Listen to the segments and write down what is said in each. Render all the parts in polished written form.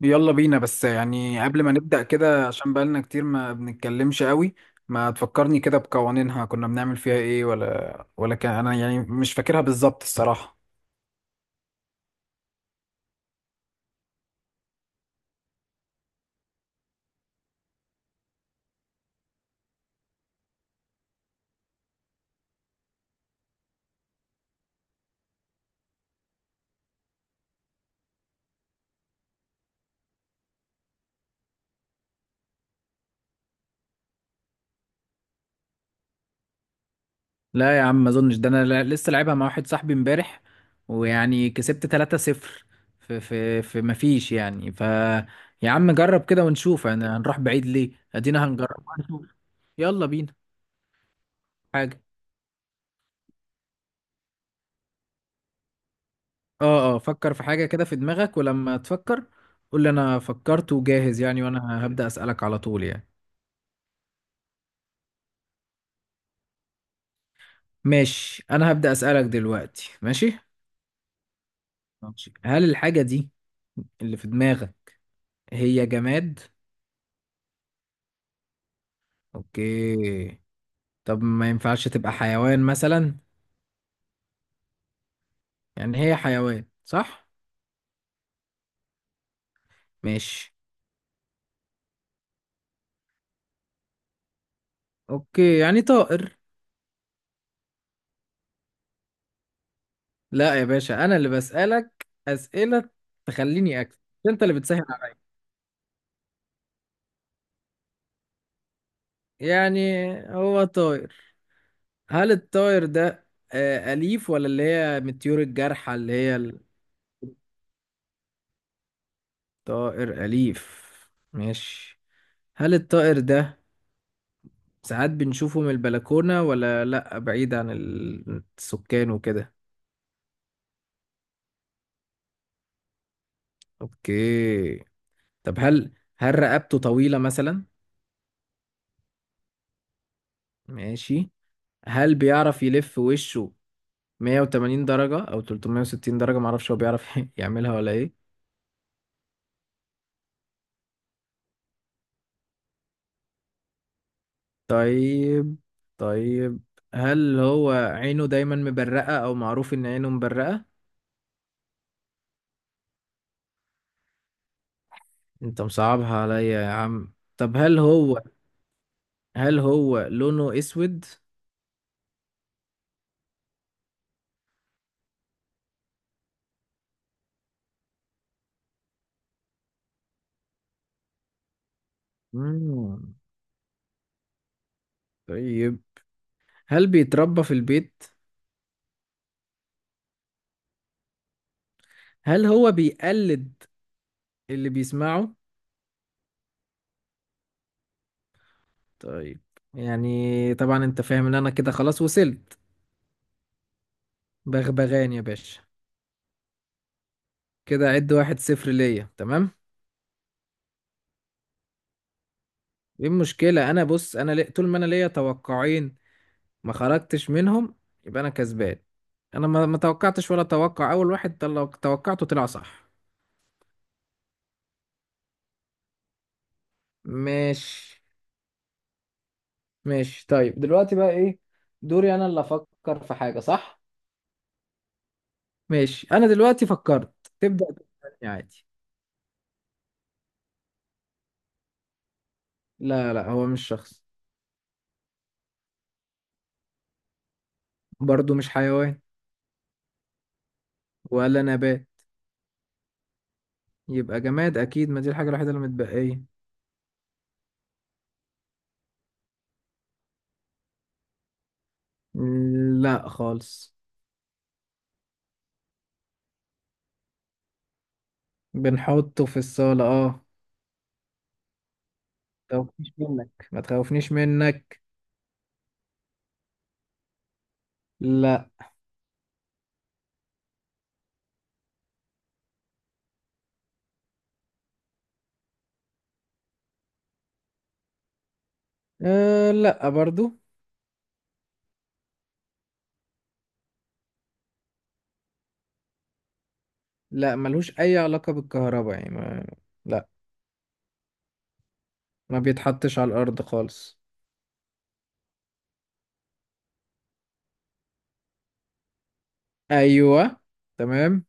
يلا بينا. بس يعني قبل ما نبدأ كده، عشان بقالنا كتير ما بنتكلمش قوي. ما تفكرني كده بقوانينها، كنا بنعمل فيها ايه؟ ولا كان انا يعني مش فاكرها بالظبط الصراحة. لا يا عم ما اظنش ده، انا لسه لعبها مع واحد صاحبي امبارح ويعني كسبت 3-0. في ما فيش يعني يا عم جرب كده ونشوف انا هنروح بعيد ليه، ادينا هنجرب هنشوف. يلا بينا. حاجة. اه فكر في حاجة كده في دماغك، ولما تفكر قول لي انا فكرت وجاهز يعني، وانا هبدأ أسألك على طول يعني. ماشي، انا هبدأ أسألك دلوقتي ماشي. ماشي، هل الحاجة دي اللي في دماغك هي جماد؟ اوكي. طب ما ينفعش تبقى حيوان مثلا؟ يعني هي حيوان صح؟ ماشي. اوكي، يعني طائر؟ لا يا باشا، انا اللي بسألك أسئلة تخليني اكسب. انت اللي بتسهل عليا. يعني هو طائر. هل الطائر ده أليف، ولا اللي هي من الطيور الجارحة اللي هي؟ الطائر أليف. ماشي. هل الطائر ده ساعات بنشوفه من البلكونة، ولا لأ بعيد عن السكان وكده؟ أوكي. طب هل رقبته طويلة مثلا؟ ماشي. هل بيعرف يلف وشه 180 درجة أو 360 درجة؟ معرفش هو بيعرف يعملها ولا إيه. طيب طيب، هل هو عينه دايما مبرقة، او معروف ان عينه مبرقة؟ انت مصعبها عليا يا عم. طب هل هو لونه اسود؟ مم. طيب، هل بيتربى في البيت؟ هل هو بيقلد اللي بيسمعه؟ طيب، يعني طبعا انت فاهم ان انا كده خلاص وصلت. بغبغان يا باشا. كده عد واحد صفر ليا تمام. ايه المشكلة، انا بص انا طول ما انا ليا توقعين ما خرجتش منهم يبقى انا كسبان. انا ما توقعتش، ولا توقع اول واحد لو توقعته طلع صح. ماشي ماشي. طيب دلوقتي بقى ايه، دوري انا اللي افكر في حاجة، صح؟ ماشي. انا دلوقتي فكرت. تبدأ تسألني عادي. لا لا، هو مش شخص. برضو مش حيوان. ولا نبات. يبقى جماد اكيد، ما دي الحاجة الوحيدة اللي متبقية. لا خالص. بنحطه في الصالة اه. ما تخوفنيش منك ما تخوفنيش منك. لا. أه لا برضو. لا ملوش اي علاقة بالكهرباء يعني ما... لا. ما بيتحطش على الارض خالص. ايوه. تمام.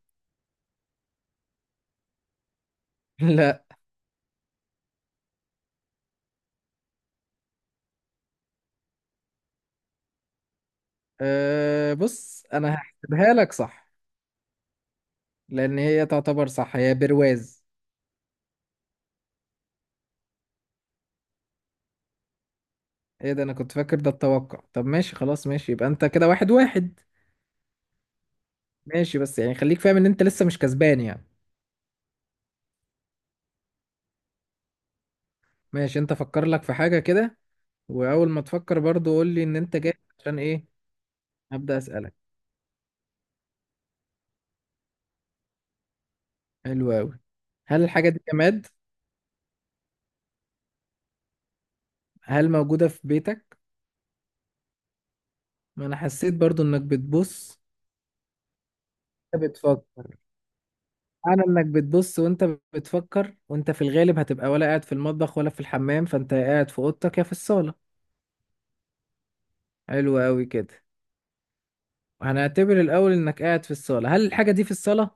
لا. أه بص انا هحسبها لك صح لان هي تعتبر صح، هي برواز. ايه ده، انا كنت فاكر ده التوقع. طب ماشي خلاص، ماشي، يبقى انت كده واحد واحد. ماشي بس يعني خليك فاهم ان انت لسه مش كسبان يعني. ماشي. انت فكر لك في حاجة كده، واول ما تفكر برضو قول لي ان انت جاي عشان ايه. ابدا اسالك. حلو قوي. هل الحاجة دي جماد؟ هل موجودة في بيتك؟ ما انا حسيت برضو انك بتبص وانت بتفكر. معنى انك بتبص وانت بتفكر، وانت في الغالب هتبقى ولا قاعد في المطبخ ولا في الحمام، فانت يا قاعد في اوضتك يا في الصالة. حلو قوي كده. هنعتبر الاول انك قاعد في الصالة، هل الحاجة دي في الصالة؟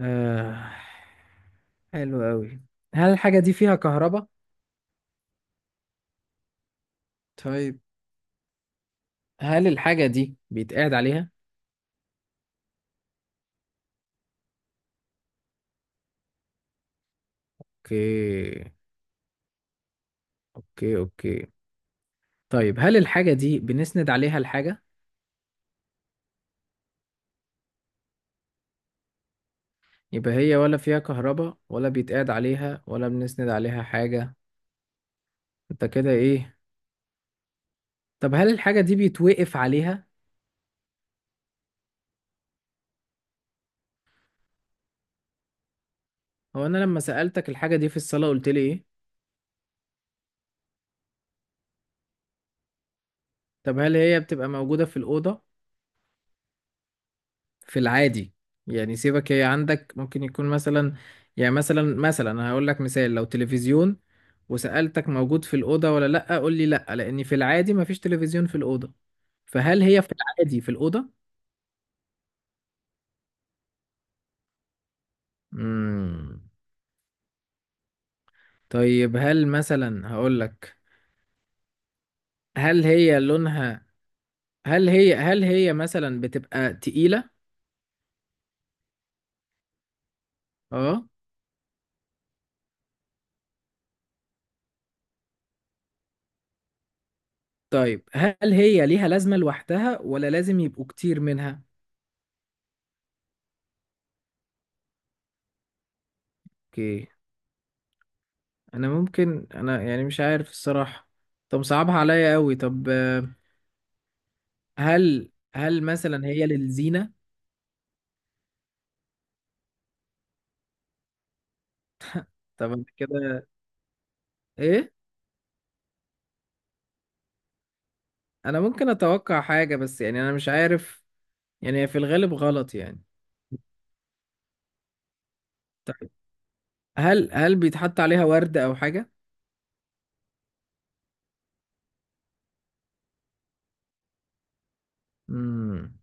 آه... حلو قوي. هل الحاجة دي فيها كهرباء؟ طيب، هل الحاجة دي بيتقعد عليها؟ اوكي اوكي اوكي. طيب، هل الحاجة دي بنسند عليها الحاجة؟ يبقى هي ولا فيها كهرباء ولا بيتقعد عليها ولا بنسند عليها حاجة، انت كده ايه؟ طب هل الحاجة دي بيتوقف عليها؟ هو انا لما سألتك الحاجة دي في الصالة قلت لي ايه؟ طب هل هي بتبقى موجودة في الأوضة في العادي؟ يعني سيبك هي عندك ممكن يكون مثلا، يعني مثلا انا هقول لك مثال لو تلفزيون وسألتك موجود في الأوضة ولا لأ، قول لي لأ، لأن في العادي مفيش تلفزيون في الأوضة. فهل هي في العادي في الأوضة؟ مم. طيب هل مثلا هقول لك، هل هي لونها، هل هي مثلا بتبقى تقيلة؟ اه. طيب، هل هي ليها لازمة لوحدها ولا لازم يبقوا كتير منها؟ اوكي. انا ممكن انا يعني مش عارف الصراحة. طب صعبها عليا قوي. طب هل مثلا هي للزينة؟ طب أنا كده ايه؟ انا ممكن اتوقع حاجة بس يعني انا مش عارف، يعني هي في الغالب غلط يعني. طيب هل بيتحط عليها ورد او حاجة؟ مم.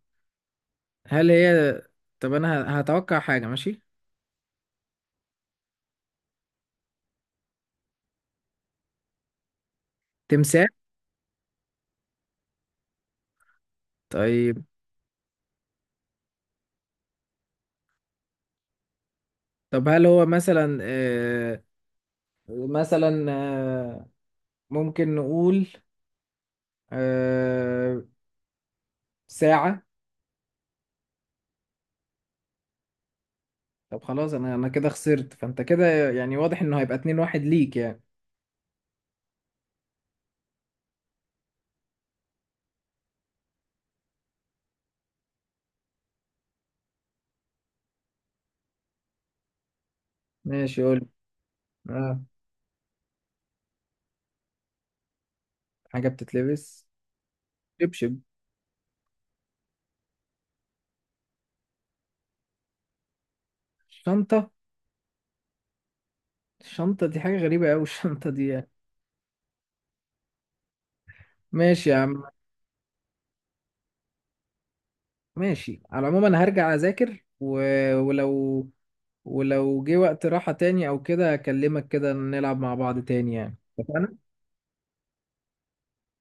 هل هي، طب انا هتوقع حاجة ماشي؟ تمساح. طيب. طب هل هو مثلا مثلا ممكن نقول آه ساعة؟ طب خلاص انا كده خسرت، فانت كده يعني واضح انه هيبقى اتنين واحد ليك يعني. ماشي قول. آه حاجة بتتلبس. شبشب. شنطة. الشنطة دي حاجة غريبة أوي الشنطة دي يعني. ماشي يا عم. ماشي على العموم، انا هرجع اذاكر ولو، ولو جه وقت راحة تاني او كده اكلمك كده نلعب مع بعض تاني يعني، اتفقنا.